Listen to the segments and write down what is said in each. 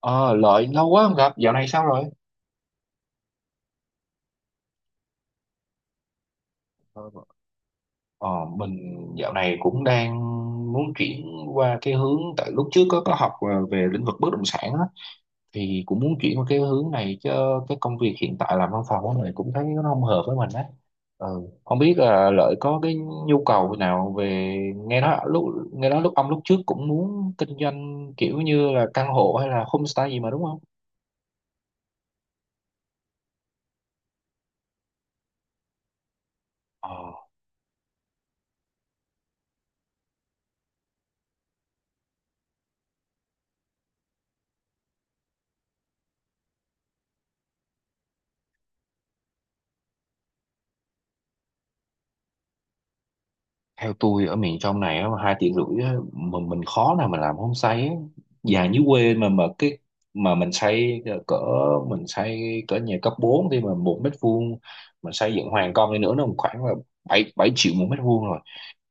Ờ, Lợi lâu quá không gặp, dạo này sao rồi? Ờ, mình dạo này cũng đang muốn chuyển qua cái hướng, tại lúc trước có học về lĩnh vực bất động sản á, thì cũng muốn chuyển qua cái hướng này chứ cái công việc hiện tại làm văn phòng á, mình cũng thấy nó không hợp với mình á. Ừ. Không biết là Lợi có cái nhu cầu nào về nghe nói lúc nghe nói lúc ông lúc trước cũng muốn kinh doanh kiểu như là căn hộ hay là homestay gì mà đúng không? Ờ. Theo tôi ở miền trong này á, mà 2 tiếng rưỡi á, mà mình khó nào mà làm homestay á. Nhà dưới quê mà cái mà mình xây cỡ nhà cấp 4 thì mà một mét vuông mà xây dựng hoàn công đi nữa nó khoảng là bảy bảy triệu một mét vuông rồi,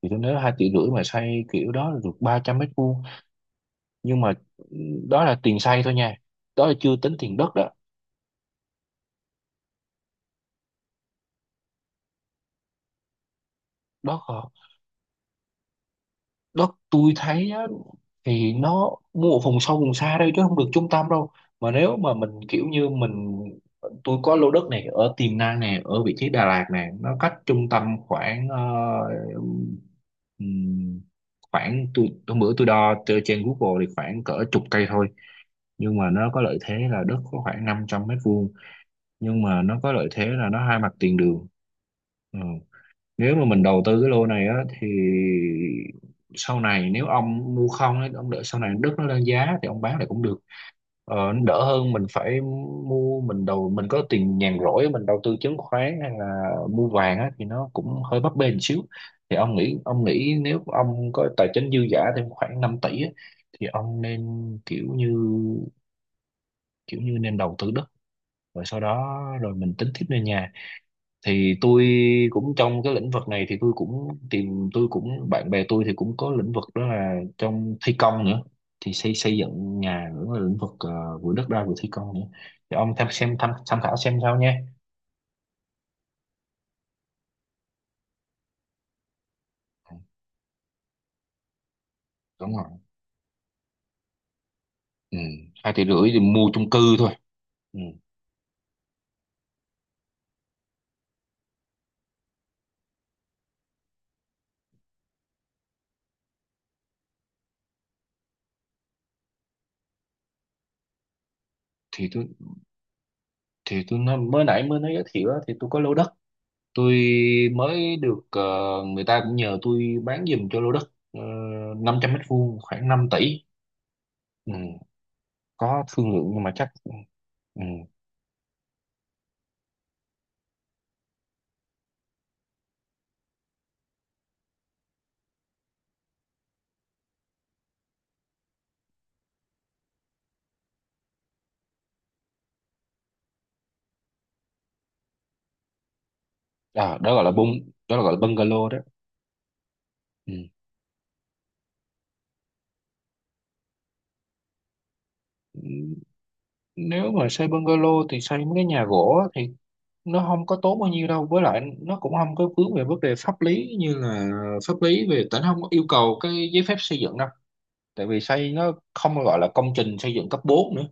thì tôi nói 2,5 triệu mà xây kiểu đó là được 300 mét vuông, nhưng mà đó là tiền xây thôi nha, đó là chưa tính tiền đất đó. Đó. Tôi thấy á, thì nó mua ở vùng sâu vùng xa đây chứ không được trung tâm đâu. Mà nếu mà mình kiểu như mình, tôi có lô đất này ở Tiềm Năng này ở vị trí Đà Lạt này, nó cách trung tâm khoảng ờ, ừm, khoảng, tôi hôm bữa tôi đo từ trên Google thì khoảng cỡ chục cây thôi, nhưng mà nó có lợi thế là đất có khoảng 500 mét vuông, nhưng mà nó có lợi thế là nó hai mặt tiền đường. Ừ. Nếu mà mình đầu tư cái lô này á thì sau này nếu ông mua không ấy, ông đợi sau này đất nó lên giá thì ông bán lại cũng được, nó đỡ hơn mình phải mua, mình có tiền nhàn rỗi mình đầu tư chứng khoán hay là mua vàng á thì nó cũng hơi bấp bênh xíu. Thì ông nghĩ nếu ông có tài chính dư giả thêm khoảng 5 tỷ á, thì ông nên kiểu như nên đầu tư đất rồi sau đó rồi mình tính tiếp lên nhà. Thì tôi cũng trong cái lĩnh vực này, thì tôi cũng bạn bè tôi thì cũng có lĩnh vực đó là trong thi công nữa, thì xây xây dựng nhà nữa, là lĩnh vực vừa đất đai vừa thi công nữa. Thì ông tham khảo xem sao nha. Ừ, đúng rồi, ừ. Hai tỷ rưỡi thì mua chung cư thôi. Ừ. thì tôi thì tôi nói, mới nãy mới nói giới thiệu á, thì tôi có lô đất, tôi mới được, người ta cũng nhờ tôi bán giùm cho lô đất, 500 mét vuông khoảng 5 tỷ. Ừ. Có thương lượng nhưng mà chắc ừ. à, đó gọi là bung đó là gọi là bungalow đó. Ừ. Ừ, nếu mà xây bungalow thì xây mấy cái nhà gỗ á thì nó không có tốn bao nhiêu đâu, với lại nó cũng không có vướng về vấn đề pháp lý, như là pháp lý về tỉnh không có yêu cầu cái giấy phép xây dựng đâu, tại vì xây nó không gọi là công trình xây dựng cấp bốn nữa.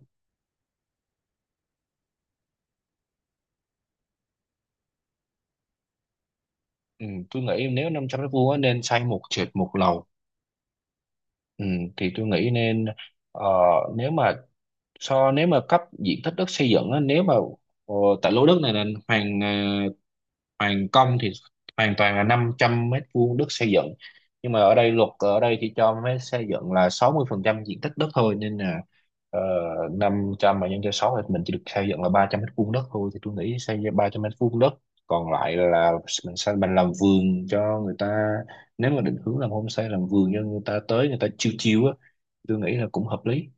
Ừ. Tôi nghĩ nếu 500 mét vuông á, nên xây một trệt một lầu. Ừ. Thì tôi nghĩ nên, ờ, nếu mà nếu mà cấp diện tích đất xây dựng á, nếu mà ờ, tại lô đất này là hoàn công thì hoàn toàn là 500 mét vuông đất xây dựng, nhưng mà ở đây luật ở đây thì cho mới xây dựng là 60% diện tích đất thôi, nên là ờ, 500 mà nhân cho 6 thì mình chỉ được xây dựng là 300 mét vuông đất thôi. Thì tôi nghĩ xây ra 300 mét vuông đất, còn lại là mình sẽ mình làm vườn cho người ta, nếu mà định hướng làm homestay, làm vườn cho người ta tới người ta chiêu chiêu á, tôi nghĩ là cũng hợp lý.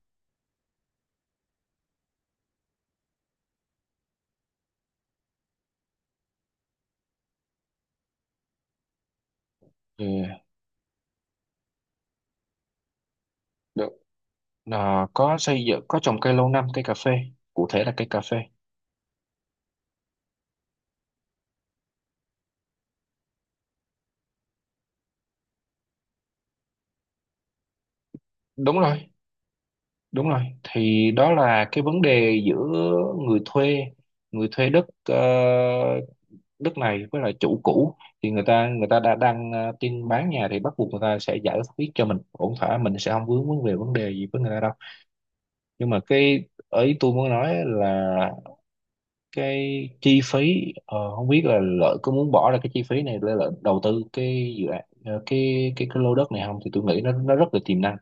Ừ. Được. Có xây dựng, có trồng cây lâu năm, cây cà phê, cụ thể là cây cà phê. Đúng rồi, đúng rồi, thì đó là cái vấn đề giữa người thuê, đất, ờ, đất này với lại chủ cũ. Thì người ta đã đang tin bán nhà thì bắt buộc người ta sẽ giải quyết cho mình ổn thỏa, mình sẽ không vướng vấn về vấn đề gì với người ta đâu. Nhưng mà cái ý tôi muốn nói là cái chi phí, không biết là Lợi có muốn bỏ ra cái chi phí này để Lợi đầu tư cái dự án, cái lô đất này không, thì tôi nghĩ nó rất là tiềm năng.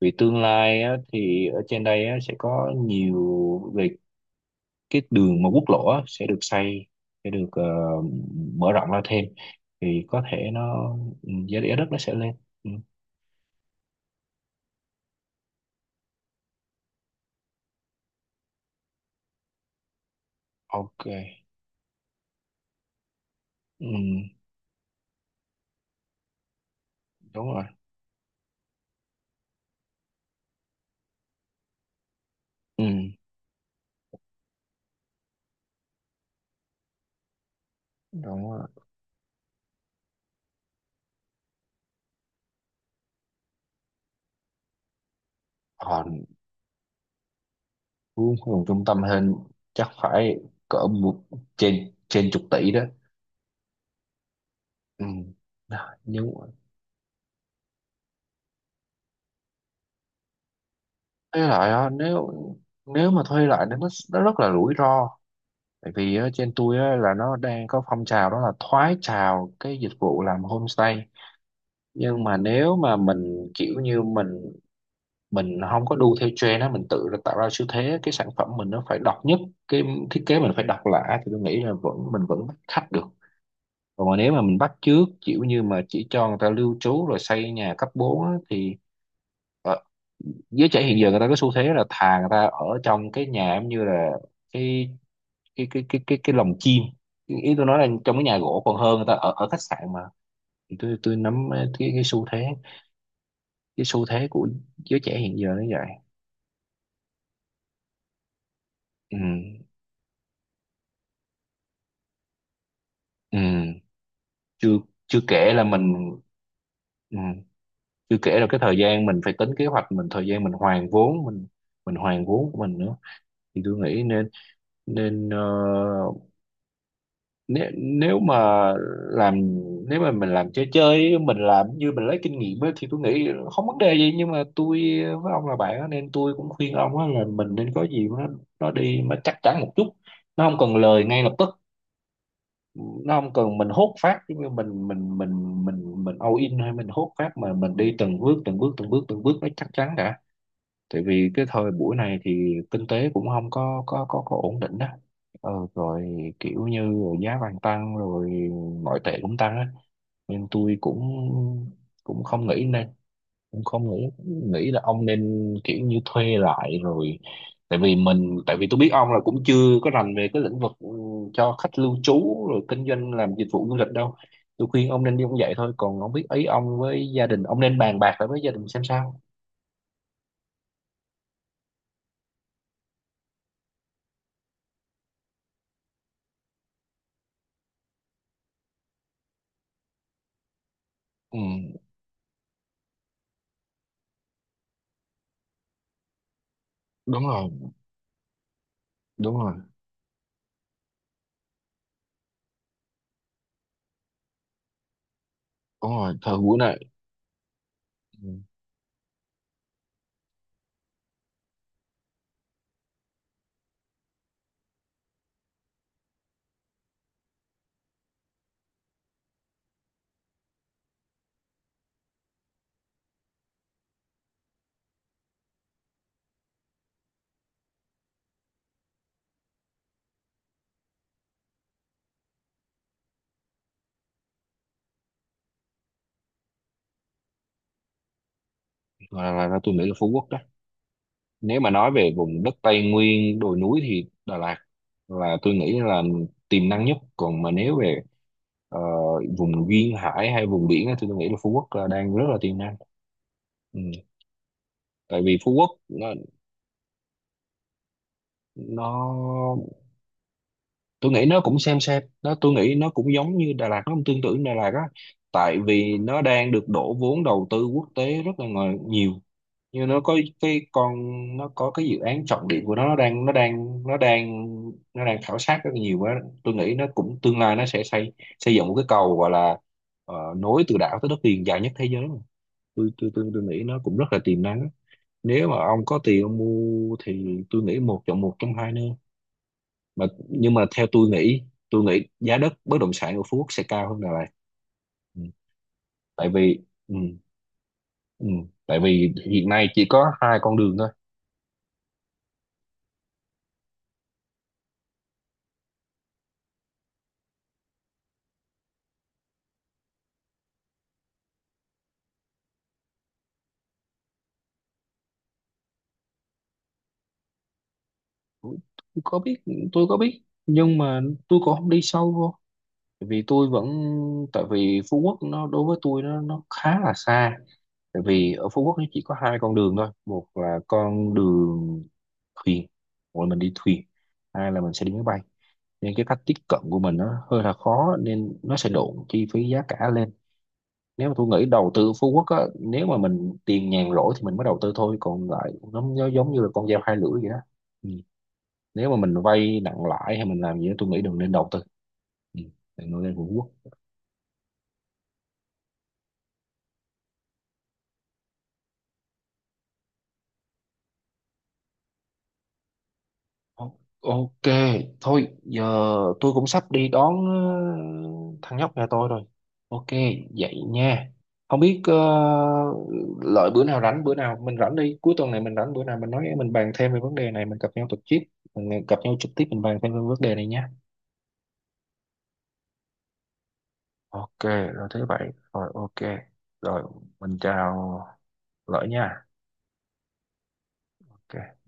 Vì tương lai á, thì ở trên đây á, sẽ có nhiều về cái đường mà quốc lộ á, sẽ được xây, sẽ được mở rộng ra thêm. Thì có thể nó, ừ, giá giá đất nó sẽ lên. Ừ. Ok, ừ, đúng rồi, ừ, đúng rồi. Vốn nguồn trung tâm hơn chắc phải cỡ một trên trên chục tỷ đó. Ừ. Đó, nhưng thuê lại á, nếu nếu mà thuê lại thì nó rất là rủi ro, tại vì á, trên tôi á, là nó đang có phong trào đó là thoái trào cái dịch vụ làm homestay. Nhưng mà nếu mà mình kiểu như mình không có đu theo trend á, mình tự tạo ra xu thế, cái sản phẩm mình nó phải độc nhất, cái thiết kế mình phải độc lạ, thì tôi nghĩ là vẫn mình vẫn bắt khách được. Còn mà nếu mà mình bắt chước kiểu như mà chỉ cho người ta lưu trú rồi xây nhà cấp 4 á, thì ờ, giới trẻ hiện giờ người ta có xu thế là thà người ta ở trong cái nhà giống như là cái cái lồng chim, ý ý tôi nói là trong cái nhà gỗ, còn hơn người ta ở ở khách sạn mà. Thì tôi nắm cái cái xu thế cái xu thế của giới trẻ hiện giờ nó vậy. Ừ. Ừ. chưa chưa kể là mình. Ừ. Chưa kể là cái thời gian mình phải tính kế hoạch mình, thời gian mình hoàn vốn mình hoàn vốn của mình nữa. Thì tôi nghĩ nên, nên nếu, nếu mà làm nếu mà mình làm chơi chơi ấy, mình làm như mình lấy kinh nghiệm ấy thì tôi nghĩ không vấn đề gì. Nhưng mà tôi với ông là bạn á, nên tôi cũng khuyên ông á, là mình nên có gì nó đi mà chắc chắn một chút, nó không cần lời ngay lập tức, nó không cần mình hốt phát, giống như mình all in hay mình hốt phát, mà mình đi từng bước từng bước từng bước từng bước nó chắc chắn đã. Tại vì cái thời buổi này thì kinh tế cũng không có ổn định đó. Rồi kiểu như giá vàng tăng rồi ngoại tệ cũng tăng á, nên tôi cũng cũng không nghĩ nên, cũng không nghĩ nghĩ là ông nên kiểu như thuê lại rồi, tại vì tôi biết ông là cũng chưa có rành về cái lĩnh vực, cho khách lưu trú rồi kinh doanh làm dịch vụ du lịch đâu. Tôi khuyên ông nên đi cũng vậy thôi, còn không biết ý ông với gia đình, ông nên bàn bạc lại với gia đình xem sao. Ừ, đúng rồi, đúng rồi. Đúng rồi, thời buổi này. Ừ, là tôi nghĩ là Phú Quốc đó. Nếu mà nói về vùng đất Tây Nguyên, đồi núi thì Đà Lạt là tôi nghĩ là tiềm năng nhất. Còn mà nếu về ờ, vùng duyên hải hay vùng biển á, thì tôi nghĩ là Phú Quốc là đang rất là tiềm năng. Ừ. Tại vì Phú Quốc nó tôi nghĩ nó cũng xem nó, tôi nghĩ nó cũng giống như Đà Lạt, nó cũng tương tự như Đà Lạt á, tại vì nó đang được đổ vốn đầu tư quốc tế rất là nhiều, như nó có cái dự án trọng điểm của nó, nó đang khảo sát rất là nhiều quá. Tôi nghĩ nó cũng tương lai nó sẽ xây, xây dựng một cái cầu gọi là nối từ đảo tới đất liền dài nhất thế giới mà. Tôi nghĩ nó cũng rất là tiềm năng á. Nếu mà ông có tiền ông mua thì tôi nghĩ một chọn một trong hai nơi, mà nhưng mà theo tôi nghĩ, tôi nghĩ giá đất bất động sản ở Phú Quốc sẽ cao hơn Đà Lạt. Ừ. tại vì ừ, ừ. Tại vì hiện nay chỉ có hai con đường thôi. Tôi có biết, tôi có biết nhưng mà tôi cũng không đi sâu vô, tại vì tôi vẫn, tại vì Phú Quốc nó đối với tôi nó khá là xa, tại vì ở Phú Quốc nó chỉ có hai con đường thôi, một là con đường thuyền, gọi là mình đi thuyền, hai là mình sẽ đi máy bay, nên cái cách tiếp cận của mình nó hơi là khó, nên nó sẽ độn chi phí giá cả lên. Nếu mà tôi nghĩ đầu tư Phú Quốc á, nếu mà mình tiền nhàn rỗi thì mình mới đầu tư thôi, còn lại nó giống như là con dao hai lưỡi vậy đó. Ừ. Nếu mà mình vay nặng lãi hay mình làm gì đó tôi nghĩ đừng nên đầu tư. Ừ. Đừng nên lên Phú Quốc. O- Ok, thôi giờ tôi cũng sắp đi đón thằng nhóc nhà tôi rồi. Ok, vậy nha. Không biết Lợi bữa nào rảnh, bữa nào mình rảnh đi, cuối tuần này mình rảnh bữa nào mình bàn thêm về vấn đề này, mình gặp nhau trực tiếp mình bàn thêm về vấn đề này nhé. Ok, rồi thế vậy. Rồi ok. Rồi mình chào Lợi nha. Ok.